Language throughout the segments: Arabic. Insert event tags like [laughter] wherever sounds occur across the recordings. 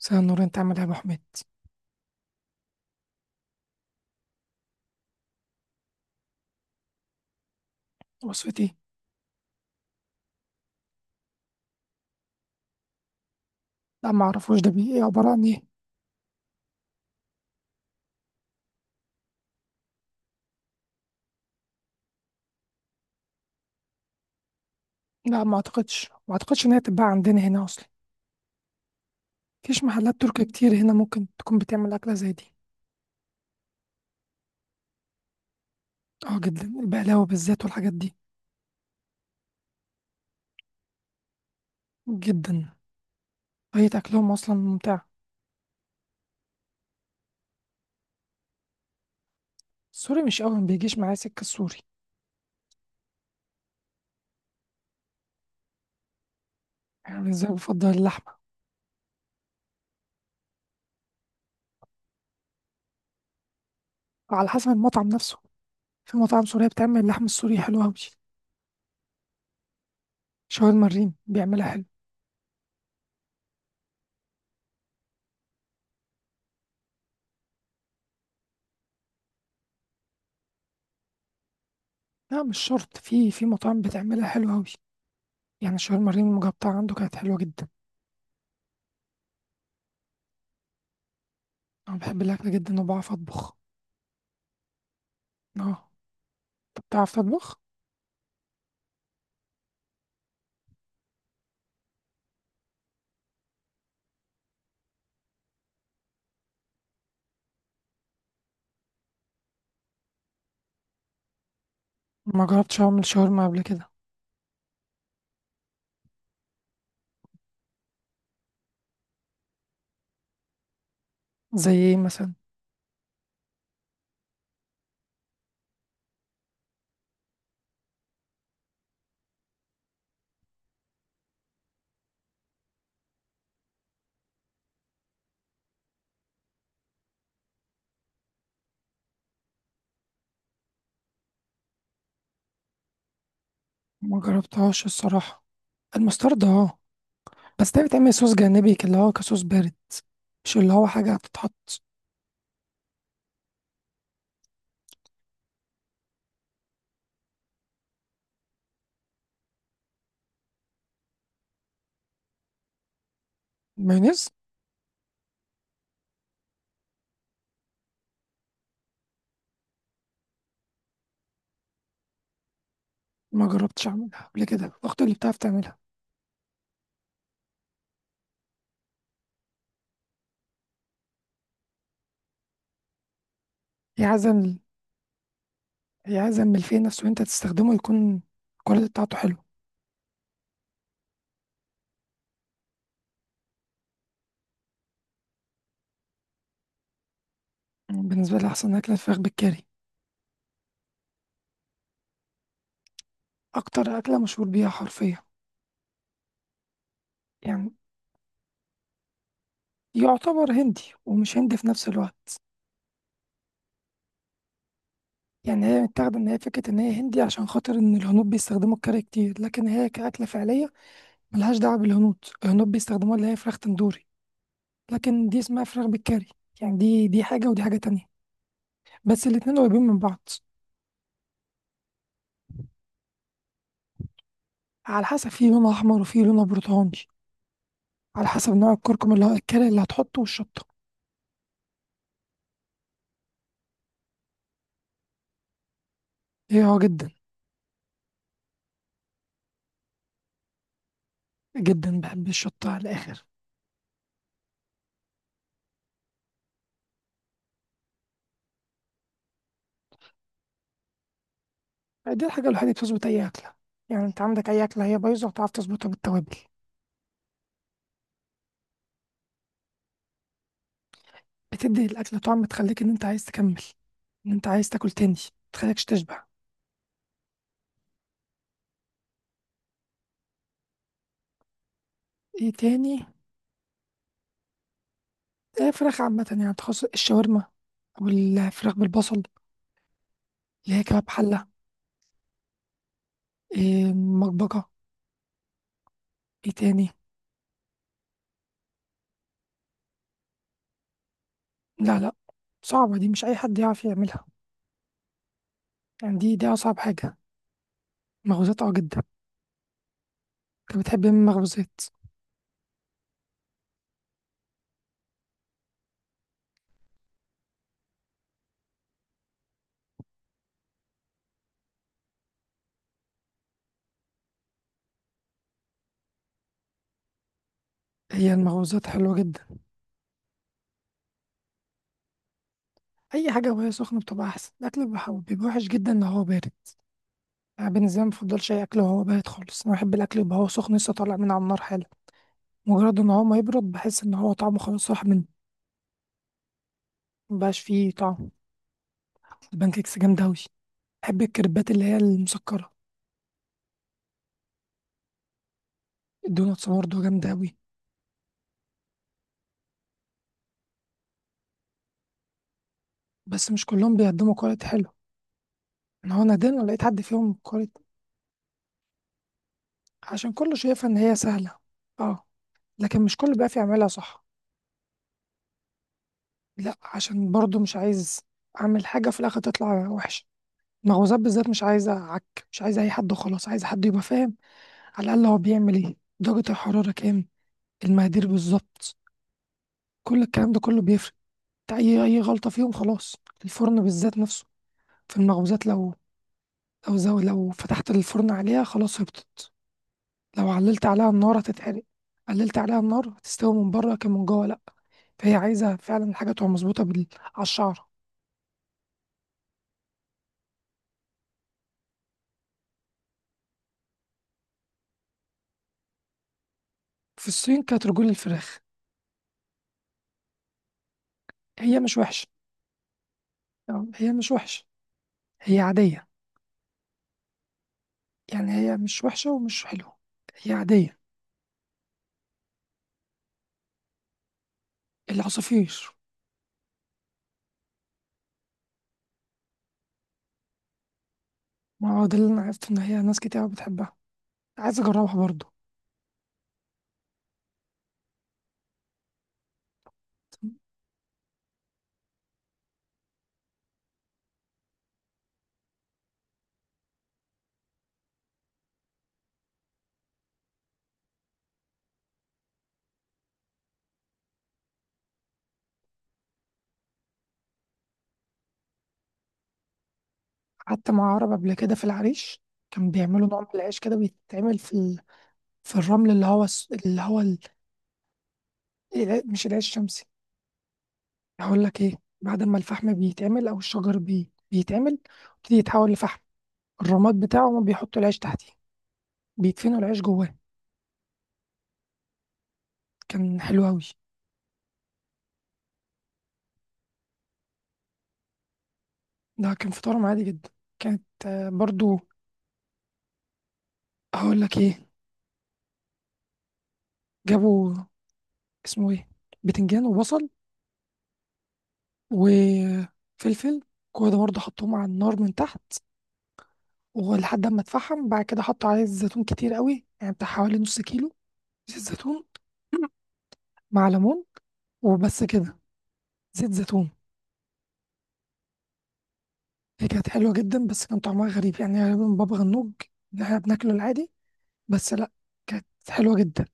مساء النور، انت عامل ايه يا ابو حميد؟ وصفتي؟ لا، ما اعرفوش، ده بي ايه؟ عباره عن ايه؟ لا، ما اعتقدش ان هي تتباع عندنا هنا اصلا. مفيش محلات تركي كتير هنا ممكن تكون بتعمل اكله زي دي. اه جدا، البقلاوه بالذات والحاجات دي. جدا. طريقه اكلهم اصلا ممتع. السوري مش قوي، ما بيجيش معايا سكه السوري. يعني ازاي؟ بفضل اللحمه. على حسب المطعم نفسه. في مطاعم سوريه بتعمل اللحم السوري حلو قوي. شاورما الريم بيعملها حلو. لا مش شرط، في مطاعم بتعملها حلو قوي. يعني شاورما الريم المجبطه عنده كانت حلوه جدا. أنا بحب الأكل جدا وبعرف أطبخ. أه. أنت بتعرف تطبخ؟ ما جربتش أعمل شاورما قبل كده. زي إيه مثلا؟ ما جربتهاش الصراحة. المسترد أه. بس ده بيتعمل صوص جانبي كده، اللي هو كصوص بارد. مش اللي هو حاجة هتتحط. مايونيز. ما جربتش أعملها قبل كده، أختي اللي بتعرف تعملها. هي عايزة ال- هي عايزة من الفيه نفسه وأنت تستخدمه يكون الكواليتي بتاعته حلو. بالنسبة لي أحسن أكلة الفراخ بالكاري. أكتر أكلة مشهور بيها حرفيا. يعني يعتبر هندي ومش هندي في نفس الوقت. يعني هي متاخدة إن هي فكرة إن هي هندي عشان خاطر إن الهنود بيستخدموا الكاري كتير، لكن هي كأكلة فعلية ملهاش دعوة بالهنود. الهنود بيستخدموها اللي هي فراخ تندوري، لكن دي اسمها فراخ بالكاري. يعني دي حاجة ودي حاجة تانية. بس الاتنين قريبين من بعض. على حسب، في لون أحمر وفي لون برتقاني، على حسب نوع الكركم اللي هو الكاري اللي هتحطه والشطة. هي اه جدا. جدا، بحب الشطة على الآخر. دي الحاجة الوحيدة اللي بتظبط أي أكلة. يعني أنت عندك أي أكلة هي بايظة وتعرف تظبطها بالتوابل. بتدي الأكلة طعم، تخليك إن أنت عايز تكمل، إن أنت عايز تاكل تاني، متخليكش تشبع. إيه تاني؟ إيه، فراخ عامة يعني، تخص الشاورما أو الفراخ بالبصل اللي هي كباب حلة، إيه مطبقة. إيه تاني؟ لا لا، صعبة دي مش أي حد يعرف يعملها. يعني دي أصعب حاجة. مخبوزات أه، جدا. أنت بتحب إيه من المخبوزات؟ هي المخبوزات حلوة جدا. أي حاجة وهي سخنة بتبقى أحسن، الأكل بيبقى وحش جدا لو هو بارد. أنا بالنسبة لي مفضلش أي أكل وهو بارد خالص، أنا بحب الأكل يبقى هو سخن لسه طالع من على النار حالا. مجرد ان هو ما يبرد بحس ان هو طعمه خلاص راح منه، مبقاش فيه طعم. البانكيكس جامدة أوي. بحب الكريبات اللي هي المسكرة. الدوناتس برضه جامدة أوي. بس مش كلهم بيقدموا كواليتي حلو. أنا هو نادرا لقيت حد فيهم كواليتي. عشان كله شايفها إن هي سهلة. اه. لكن مش كله بقى يعملها صح. لا، عشان برضه مش عايز أعمل حاجة في الآخر تطلع وحشة. المخبوزات بالذات مش عايزة عك، مش عايزة أي حد وخلاص، عايزة حد يبقى فاهم على الأقل هو بيعمل إيه، درجة الحرارة كام، المقادير بالظبط. كل الكلام ده كله بيفرق. انت اي غلطه فيهم خلاص. الفرن بالذات نفسه في المخبوزات، لو فتحت الفرن عليها خلاص هبطت. لو عللت عليها النار هتتحرق، قللت عليها النار هتستوي من بره كان من جوه لا. فهي عايزه فعلا الحاجه تبقى مظبوطه على الشعره. في الصين كانت رجول الفراخ. هي مش وحشه. تمام؟ هي مش وحشه، هي عاديه. يعني هي مش وحشه ومش حلوه، هي عاديه. العصافير. ما هو ده اللي انا عرفت ان هي ناس كتير بتحبها، عايز اجربها برضو. قعدت مع عرب قبل كده في العريش. كان بيعملوا نوع من العيش كده، بيتعمل في الرمل اللي هو الس- اللي هو ال... الع- مش العيش الشمسي. هقول لك ايه، بعد ما الفحم بيتعمل او الشجر بيتعمل يبتدي يتحول لفحم، الرماد بتاعه هما بيحطوا العيش تحتيه، بيدفنوا العيش جواه. كان حلو قوي. ده كان فطارهم عادي جدا. كانت برضو، هقول لك ايه، جابوا اسمه ايه، بتنجان وبصل وفلفل، كل ده برضه حطوهم على النار من تحت، ولحد ما اتفحم بعد كده حط عليه الزيتون كتير قوي يعني بتاع حوالي نص كيلو زيت زيتون [clears throat] مع ليمون وبس كده. زيت زيتون. هي كانت حلوة جدا بس كان طعمها غريب، يعني غالبا بابا غنوج اللي احنا بناكله العادي، بس لا كانت حلوة جدا.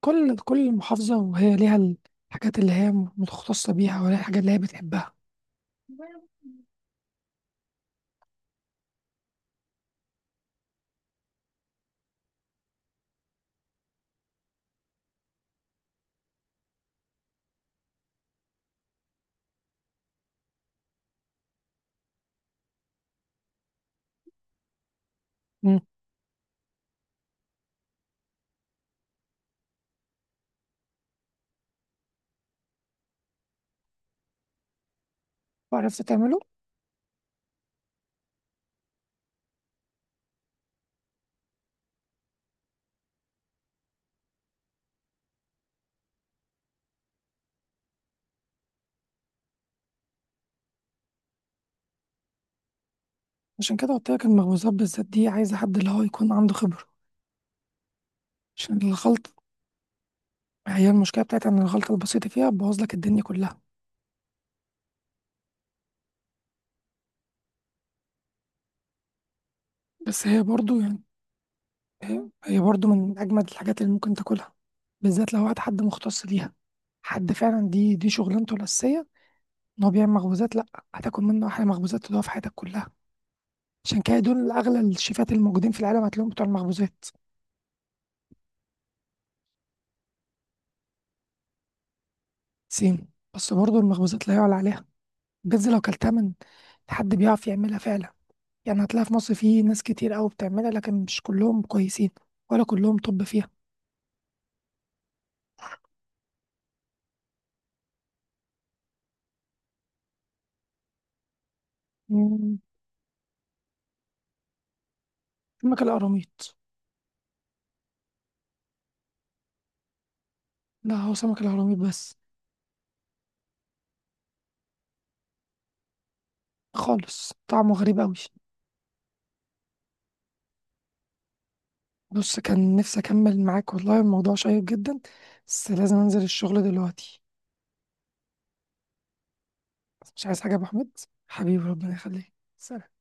كل محافظة وهي ليها الحاجات اللي هي متخصصة بيها، ولا الحاجات اللي هي بتحبها. مم. وعرفت تعمله؟ عشان كده قلت لك المخبوزات بالذات دي عايزة حد اللي هو يكون عنده خبرة. عشان الخلط، هي المشكلة بتاعتي ان الخلطة البسيطة فيها بوظ لك الدنيا كلها. بس هي برضو يعني، هي برضو من أجمد الحاجات اللي ممكن تاكلها، بالذات لو وقت حد مختص ليها، حد فعلا دي شغلانته الأساسية إن هو بيعمل مخبوزات، لأ هتاكل منه أحلى مخبوزات تدوقها في حياتك كلها. عشان كده دول أغلى الشيفات الموجودين في العالم هتلاقيهم بتوع المخبوزات. سيم. بس برضو المخبوزات لا يعلى عليها. بيتزا لو كلتها من حد بيعرف يعملها فعلا، يعني هتلاقي في مصر في ناس كتير أوي بتعملها لكن مش كلهم كويسين، ولا كلهم طب فيها. مم، سمك القراميط. لا هو سمك القراميط بس. خالص طعمه غريب أوي. بص، كان نفسي أكمل معاك والله الموضوع شيق جدا، بس لازم أنزل الشغل دلوقتي. مش عايز حاجة يا أبو حميد، حبيبي ربنا يخليك، سلام.